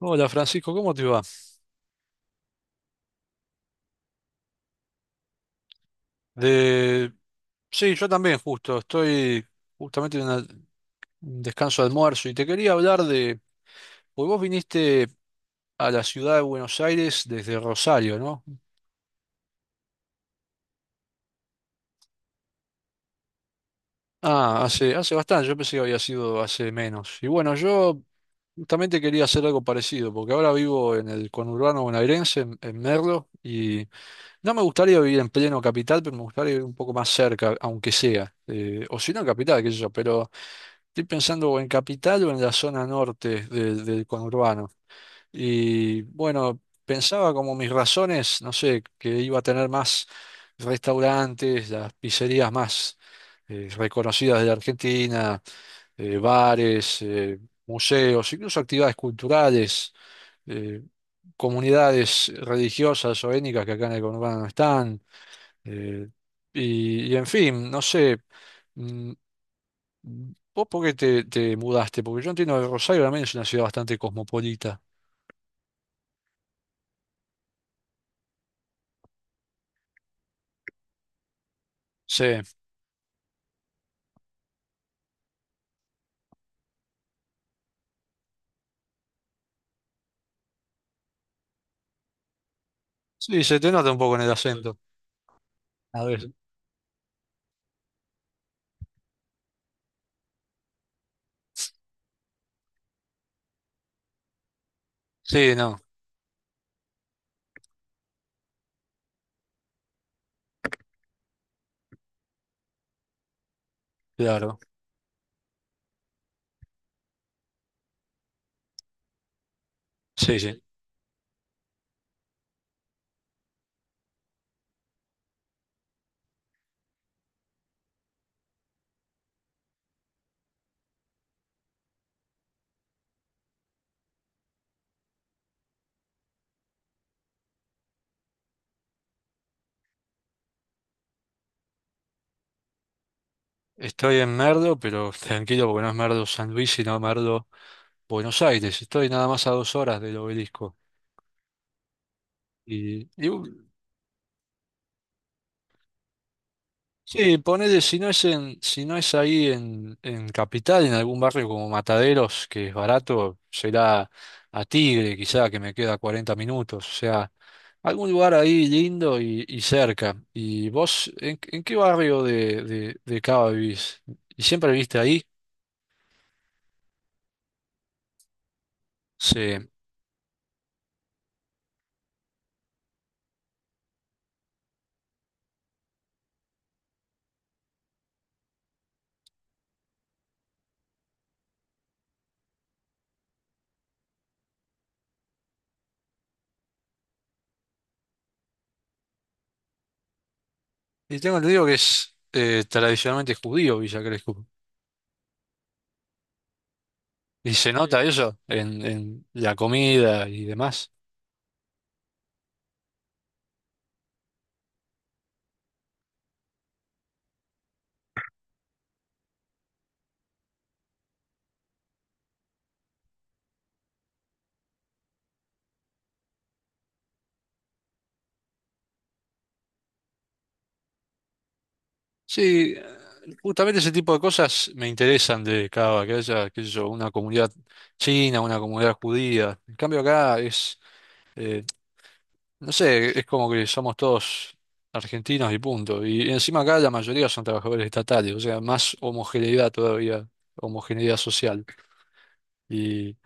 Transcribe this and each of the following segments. Hola Francisco, ¿cómo te va? De... Sí, yo también justo, estoy justamente en un descanso de almuerzo y te quería hablar de, pues vos viniste a la ciudad de Buenos Aires desde Rosario, ¿no? Ah, hace bastante, yo pensé que había sido hace menos. Y bueno, yo justamente quería hacer algo parecido, porque ahora vivo en el conurbano bonaerense, en Merlo, y no me gustaría vivir en pleno capital, pero me gustaría vivir un poco más cerca, aunque sea. O si no en capital, qué sé yo, pero estoy pensando o en capital o en la zona norte del conurbano. Y bueno, pensaba como mis razones, no sé, que iba a tener más restaurantes, las pizzerías más reconocidas de la Argentina, bares, museos, incluso actividades culturales, eh, comunidades religiosas o étnicas que acá en el conurbano no están. eh, y en fin, no sé. mm, ¿Vos por qué te mudaste? Porque yo entiendo que Rosario también es una ciudad bastante cosmopolita. Sí, sí, se te nota un poco en el acento. A ver. Sí, no, claro. Sí, sí. Estoy en Merdo, pero tranquilo porque no es Merdo San Luis, sino Merdo Buenos Aires, estoy nada más a 2 horas del obelisco. Y, y, uh, sí, ponele, si no es ahí en Capital, en algún barrio como Mataderos, que es barato, será a Tigre, quizá, que me queda 40 minutos. O sea, algún lugar ahí lindo y cerca. ¿Y vos, en qué barrio de Cava vivís? ¿Y siempre viviste ahí? Sí. Y tengo entendido que es tradicionalmente judío Villa Crespo. Y se nota eso en la comida y demás. Sí, justamente ese tipo de cosas me interesan de Cava, que haya, qué sé yo, una comunidad china, una comunidad judía. En cambio acá es, eh, no sé, es como que somos todos argentinos y punto. Y encima acá la mayoría son trabajadores estatales, o sea, más homogeneidad todavía, homogeneidad social. Y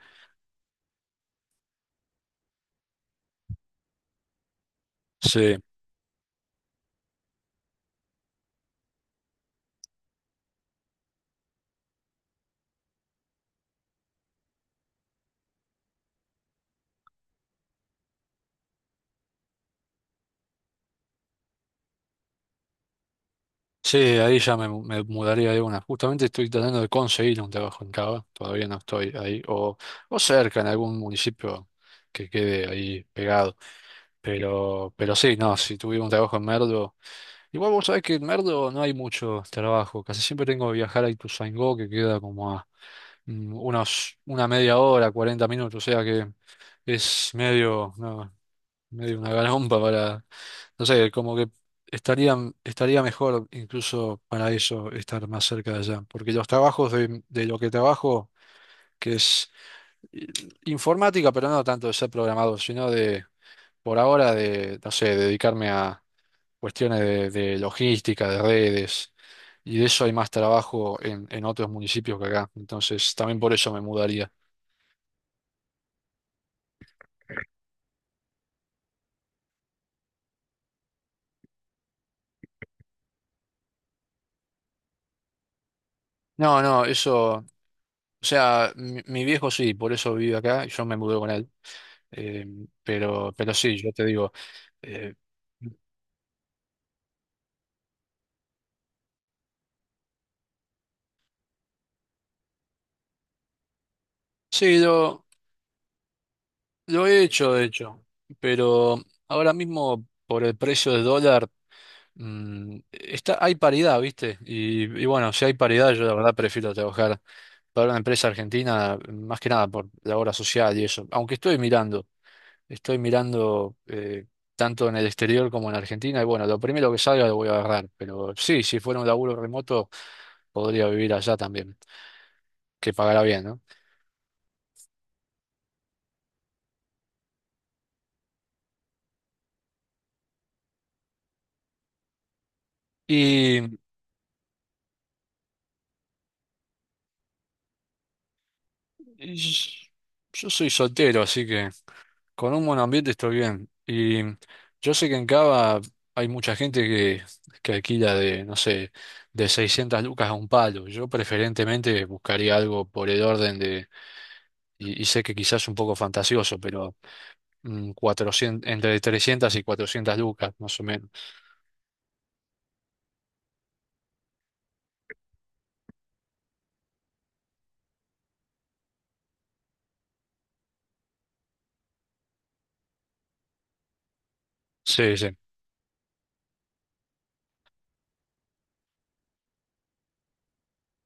sí. Sí, ahí ya me mudaría de una. Justamente estoy tratando de conseguir un trabajo en Cava, todavía no estoy ahí, o cerca en algún municipio que quede ahí pegado. Pero sí, no, si tuviera un trabajo en Merdo, igual vos sabés que en Merdo no hay mucho trabajo, casi siempre tengo que viajar a Ituzaingó, que queda como a una 1/2 hora, 40 minutos, o sea que es medio, no, medio una garompa para, no sé, como que estaría, estaría mejor incluso para eso estar más cerca de allá, porque los trabajos de lo que trabajo, que es eh, informática, pero no tanto de ser programador, sino de, por ahora, de, no sé, dedicarme a cuestiones de logística, de redes, y de eso hay más trabajo en otros municipios que acá, entonces también por eso me mudaría. No, no, eso, o sea, mi viejo sí, por eso vive acá y yo me mudé con él. Eh, pero sí, yo te digo, eh, sí, lo he hecho, de hecho, pero ahora mismo por el precio del dólar, está, hay paridad, ¿viste? Y bueno, si hay paridad, yo la verdad prefiero trabajar para una empresa argentina, más que nada por la obra social y eso, aunque estoy mirando, estoy mirando eh, tanto en el exterior como en Argentina, y bueno, lo primero que salga lo voy a agarrar, pero sí, si fuera un laburo remoto, podría vivir allá también, que pagará bien, ¿no? Y, y yo soy soltero, así que con un buen ambiente estoy bien. Y yo sé que en Cava hay mucha gente que alquila de, no sé, de 600 lucas a un palo. Yo preferentemente buscaría algo por el orden de, y sé que quizás un poco fantasioso, pero 400, entre 300 y 400 lucas, más o menos. Sí, sí.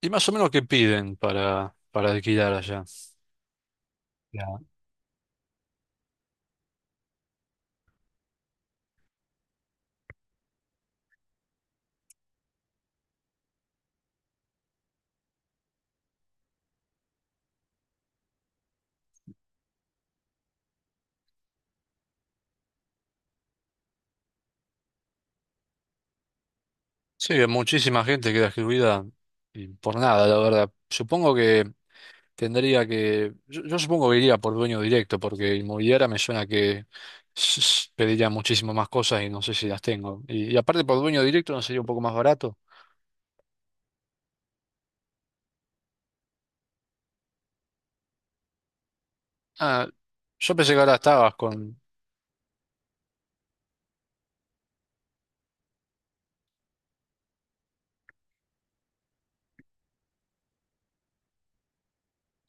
¿Y más o menos qué piden para alquilar allá? Sí, muchísima gente queda excluida y por nada, la verdad. Supongo que yo supongo que iría por dueño directo, porque inmobiliaria me suena que pediría muchísimo más cosas y no sé si las tengo. Y aparte por dueño directo no sería un poco más barato. Ah, yo pensé que ahora estabas con...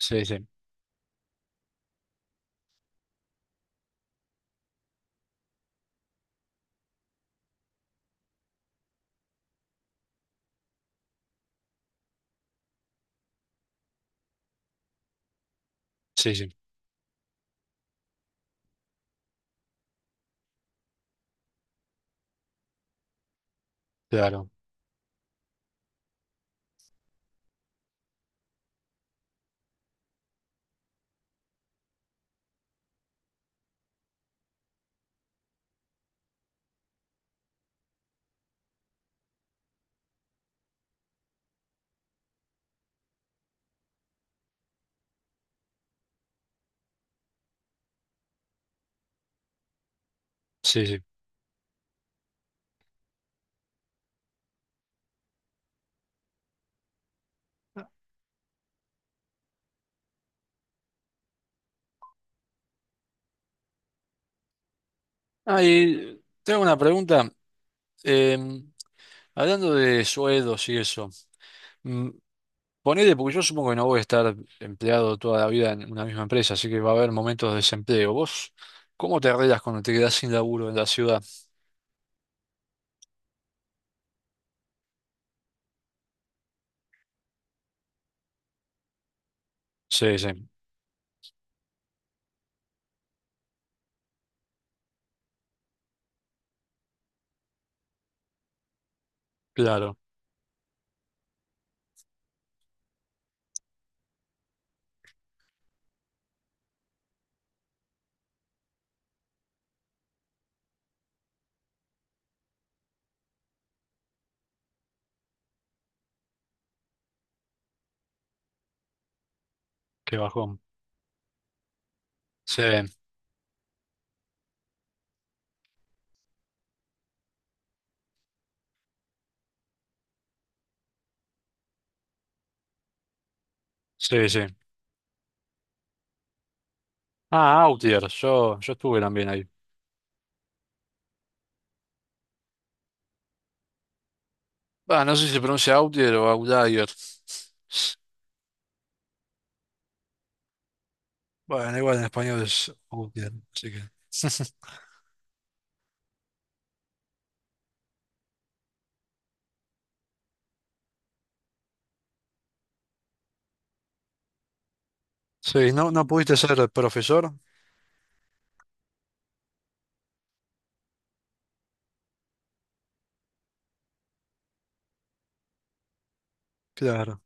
Sí, sí, sí, sí, claro, sí, sí. Ah, y tengo una pregunta. em, Hablando de sueldos y eso. mm, Ponele, porque yo supongo que no voy a estar empleado toda la vida en una misma empresa, así que va a haber momentos de desempleo. ¿Vos cómo te arreglas cuando te quedás sin laburo en la ciudad? Sí, sí, claro, qué bajón. Sí, sí, sí. Ah, Outlier, yo estuve también ahí. Ah, no sé si se pronuncia Outlier o Outlier. Bueno, igual en español es Outlier, así que. Sí, ¿no, no pudiste ser profesor? Claro.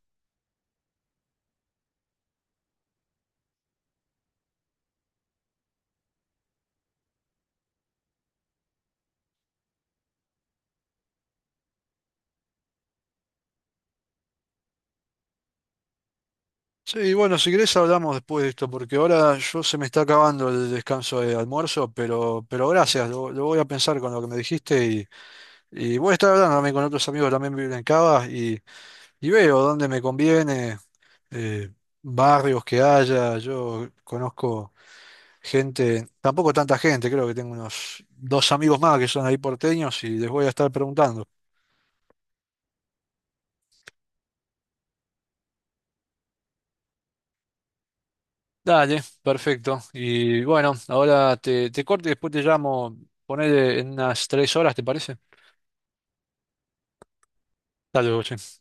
Sí, bueno, si querés hablamos después de esto, porque ahora yo se me está acabando el descanso de almuerzo, pero gracias, lo voy a pensar con lo que me dijiste y voy a estar hablando también con otros amigos que también viven en Cava y veo dónde me conviene, eh, barrios que haya, yo conozco gente, tampoco tanta gente, creo que tengo unos dos amigos más que son ahí porteños y les voy a estar preguntando. Dale, perfecto. Y bueno, ahora te corto y después te llamo, ponele en unas 3 horas, ¿te parece? Saludos.